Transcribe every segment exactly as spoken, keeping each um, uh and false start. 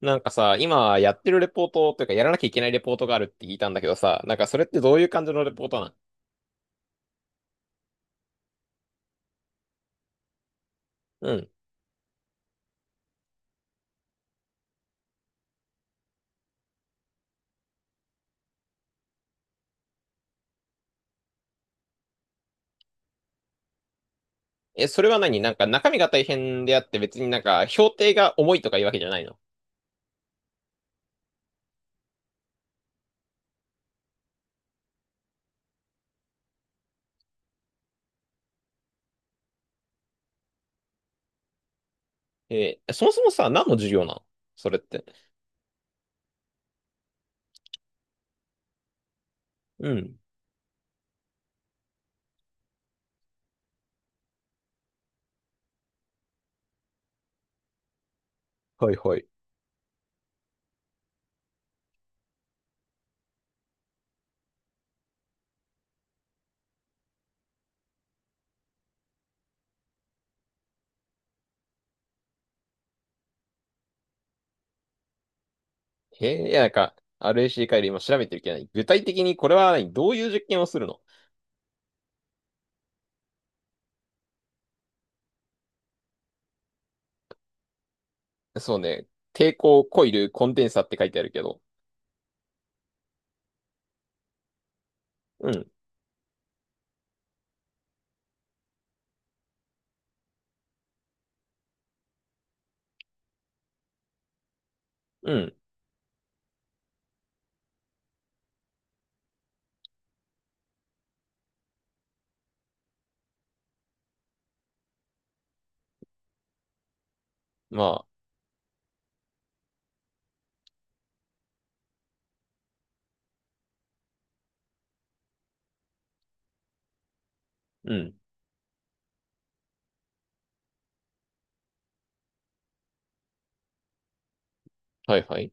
なんかさ、今やってるレポートというかやらなきゃいけないレポートがあるって聞いたんだけどさ、なんかそれってどういう感じのレポートなん？うん。え、それは何、なんか中身が大変であって別になんか評定が重いとかいうわけじゃないの？えーそもそもさ、何の授業なの、それって？うん。はいはい。えーいや、なんか アールエーシー 回路今調べてるけどない、具体的にこれは何、どういう実験をするの？そうね。抵抗コイルコンデンサって書いてあるけど。うん。うん。まあ。うん。はいはい。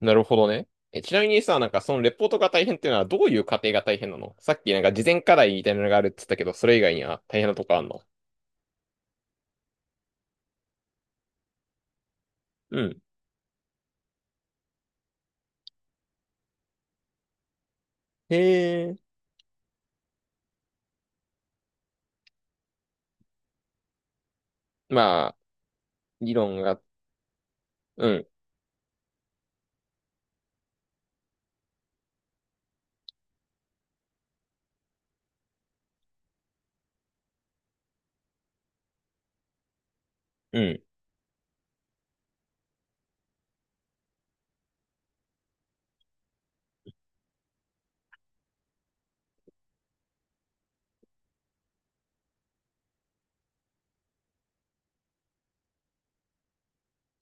なるほどね。え、ちなみにさ、なんかそのレポートが大変っていうのはどういう過程が大変なの？さっきなんか事前課題みたいなのがあるって言ったけど、それ以外には大変なとこあんの？うん。へえ。まあ、理論が、うん、うん。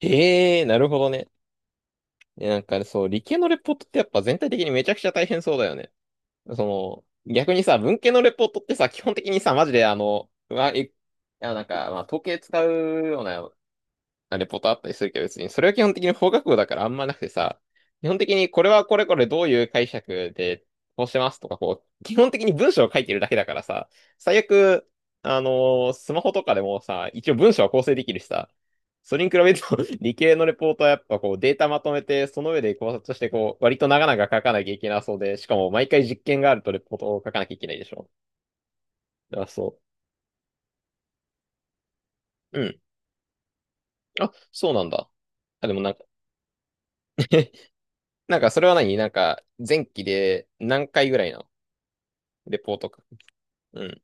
へえ、なるほどね。え、なんかそう、理系のレポートってやっぱ全体的にめちゃくちゃ大変そうだよね。その、逆にさ、文系のレポートってさ、基本的にさ、マジであの、うわ、え、あ、なんか、まあ、統計使うようなレポートあったりするけど、別に、それは基本的に法学部だからあんまなくてさ、基本的にこれはこれこれどういう解釈でこうしてますとか、こう、基本的に文章を書いてるだけだからさ、最悪、あのースマホとかでもさ、一応文章は構成できるしさ、それに比べると 理系のレポートはやっぱこうデータまとめて、その上で考察してこう、割と長々書かなきゃいけなそうで、しかも毎回実験があるとレポートを書かなきゃいけないでしょ。だからそう。うん。あ、そうなんだ。あ、でもなんか。 なんかそれは何、なんか前期で何回ぐらいのレポートか？うん。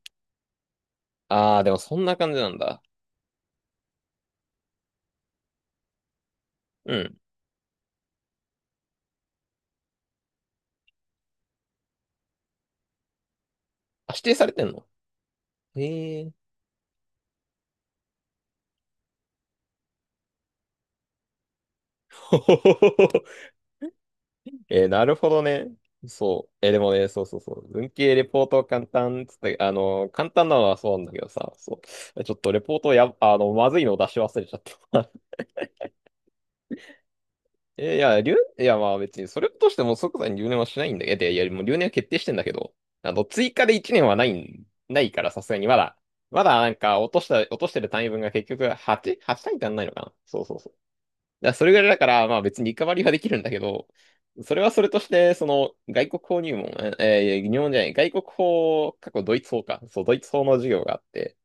ああ、でもそんな感じなんだ。うん。あ、指定されてんの？へえ。ほほほほほ。えー、なるほどね。そう。えー、でもね、そうそうそう。文系レポート簡単っつって、あのー、簡単なのはそうなんだけどさ、そう。ちょっとレポートや、あの、まずいの出し忘れちゃった。えいや、留、いや、まあ別に、それとしても即座に留年はしないんだけど、いや、もう留年は決定してんだけど、あの、追加でいちねんはないん、ないから、さすがに、まだ、まだなんか、落とした、落としてる単位分が結局8、はち単位足んないのかな。そうそうそう。だからそれぐらいだから、まあ別にリカバリーはできるんだけど、それはそれとして、その、外国法入門、ええー、入門じゃない、外国法、過去ドイツ法か。そう、ドイツ法の授業があって、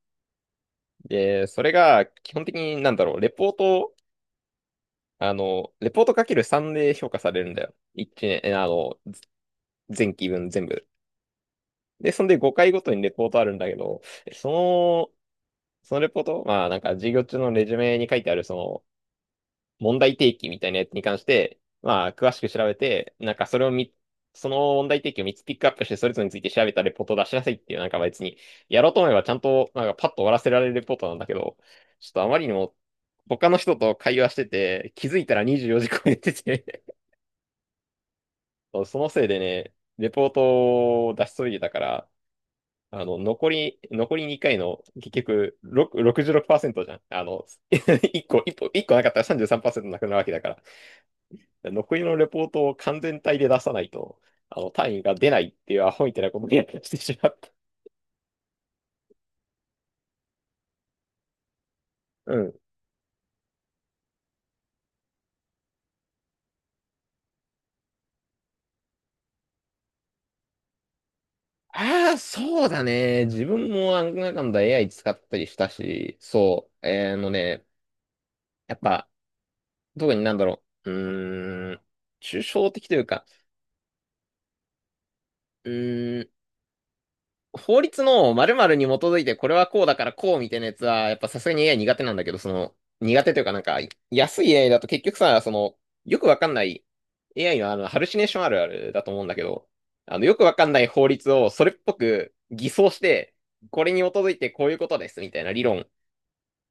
で、それが、基本的になんだろう、レポート、あの、レポートかけるさんで評価されるんだよ。いちねん、えあの、前期分全部。で、そんでごかいごとにレポートあるんだけど、その、そのレポート、まあなんか授業中のレジュメに書いてあるその問題提起みたいなやつに関して、まあ詳しく調べて、なんかそれをみ、その問題提起をみっつピックアップしてそれぞれについて調べたレポートを出しなさいっていう、なんか別に、やろうと思えばちゃんとなんかパッと終わらせられるレポートなんだけど、ちょっとあまりにも他の人と会話してて、気づいたらにじゅうよじ超えてて、そのせいでね、レポートを出し急いでたから、あの、残り、残りにかいの、結局、6 ろくじゅうろくパーセントじゅうろくパーセントじゃん。あの、1個、一個、一個なかったらさんじゅうさんパーセントなくなるわけだから。残りのレポートを完全体で出さないと、あの、単位が出ないっていうアホみたいなことをやしてしまった。うん。ああ、そうだね。自分もなんだかんだ エーアイ 使ったりしたし、そう。えーあのね、やっぱ、特になんだろう。うーん、抽象的というか、うー法律の〇〇に基づいてこれはこうだからこうみたいなやつは、やっぱさすがに エーアイ 苦手なんだけど、その、苦手というかなんか、安い エーアイ だと結局さ、その、よくわかんない エーアイ のあの、ハルシネーションあるあるだと思うんだけど、あの、よくわかんない法律をそれっぽく偽装して、これに基づいてこういうことですみたいな理論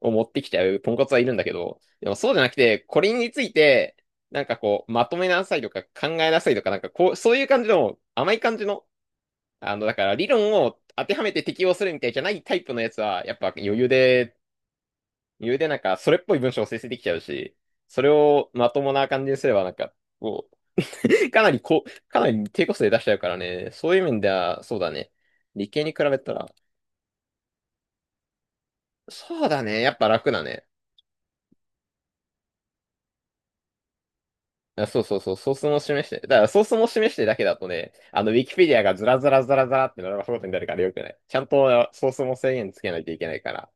を持ってきちゃうポンコツはいるんだけど、でもそうじゃなくて、これについて、なんかこう、まとめなさいとか考えなさいとか、なんかこう、そういう感じの甘い感じのあの、だから理論を当てはめて適用するみたいじゃないタイプのやつは、やっぱ余裕で、余裕でなんかそれっぽい文章を生成できちゃうし、それをまともな感じにすればなんか、こう、かなりこう、かなり低コストで出しちゃうからね。そういう面では、そうだね。理系に比べたら、そうだね。やっぱ楽だね。あそうそうそう、ソースも示して。だからソースも示してだけだとね、あの、ウィキペディアがずらずらずらずらって並ばすことになるからよくない。ちゃんとソースも制限つけないといけないから。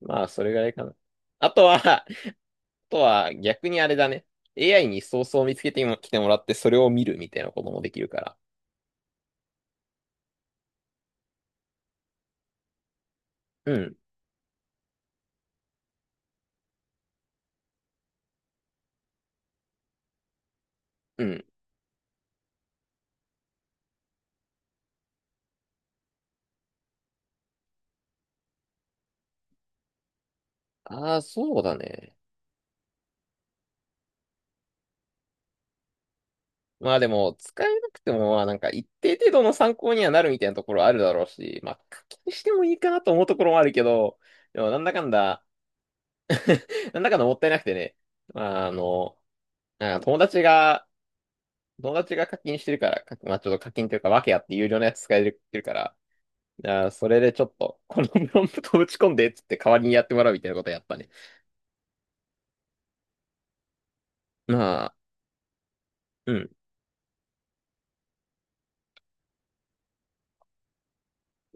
まあ、それぐらいかな。あとはとは逆にあれだね。エーアイ にソースを見つけても来てもらって、それを見るみたいなこともできるから。うん、うん。ああ、そうだね。まあでも、使えなくても、まあなんか一定程度の参考にはなるみたいなところあるだろうし、まあ課金してもいいかなと思うところもあるけど、でもなんだかんだ、なんだかんだもったいなくてね、まああの、あ友達が、友達が課金してるから、かまあちょっと課金というか、訳あって有料のやつ使えてるから、あーそれでちょっと、このプロンプトを打ち込んでっつって代わりにやってもらうみたいなことやったね。まあ、うん、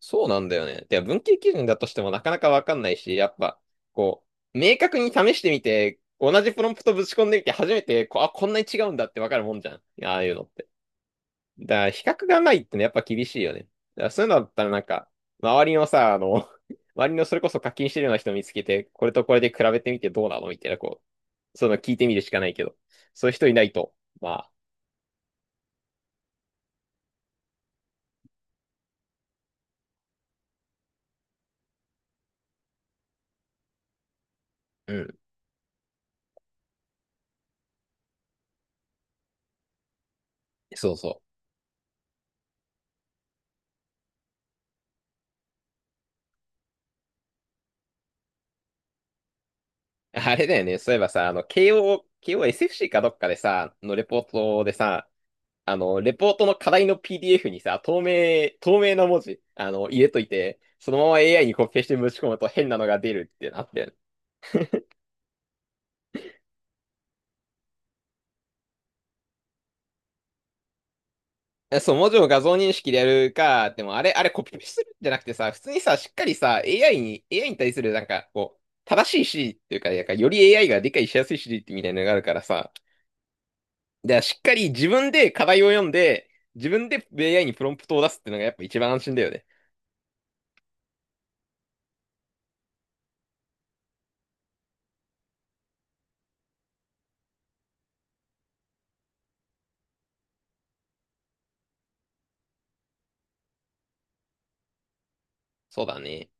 そうなんだよね。で、文系基準だとしてもなかなかわかんないし、やっぱ、こう、明確に試してみて、同じプロンプトぶち込んでみて、初めて、こう、あ、こんなに違うんだってわかるもんじゃん。ああいうのって。だから、比較がないってねやっぱ厳しいよね。だからそういうのだったらなんか、周りのさ、あの、周りのそれこそ課金してるような人見つけて、これとこれで比べてみてどうなのみたいな、こう、そういうの聞いてみるしかないけど、そういう人いないと、まあ、うん、そうそう。あれだよね。そういえばさ、あの、慶応、慶応 エスエフシー かどっかでさ、のレポートでさ、あの、レポートの課題の ピーディーエフ にさ、透明、透明な文字、あの、入れといて、そのまま エーアイ にコピペしてぶち込むと変なのが出るってなってる。え、そう、文字を画像認識でやるか、でもあれ、あれコピペするんじゃなくてさ、普通にさ、しっかりさ、AI に、エーアイ に対するなんか、こう、正しい指示っていうか、なんかより エーアイ が理解しやすい指示ってみたいなのがあるからさ、じゃあ、しっかり自分で課題を読んで、自分で エーアイ にプロンプトを出すっていうのがやっぱ一番安心だよね。そうだね。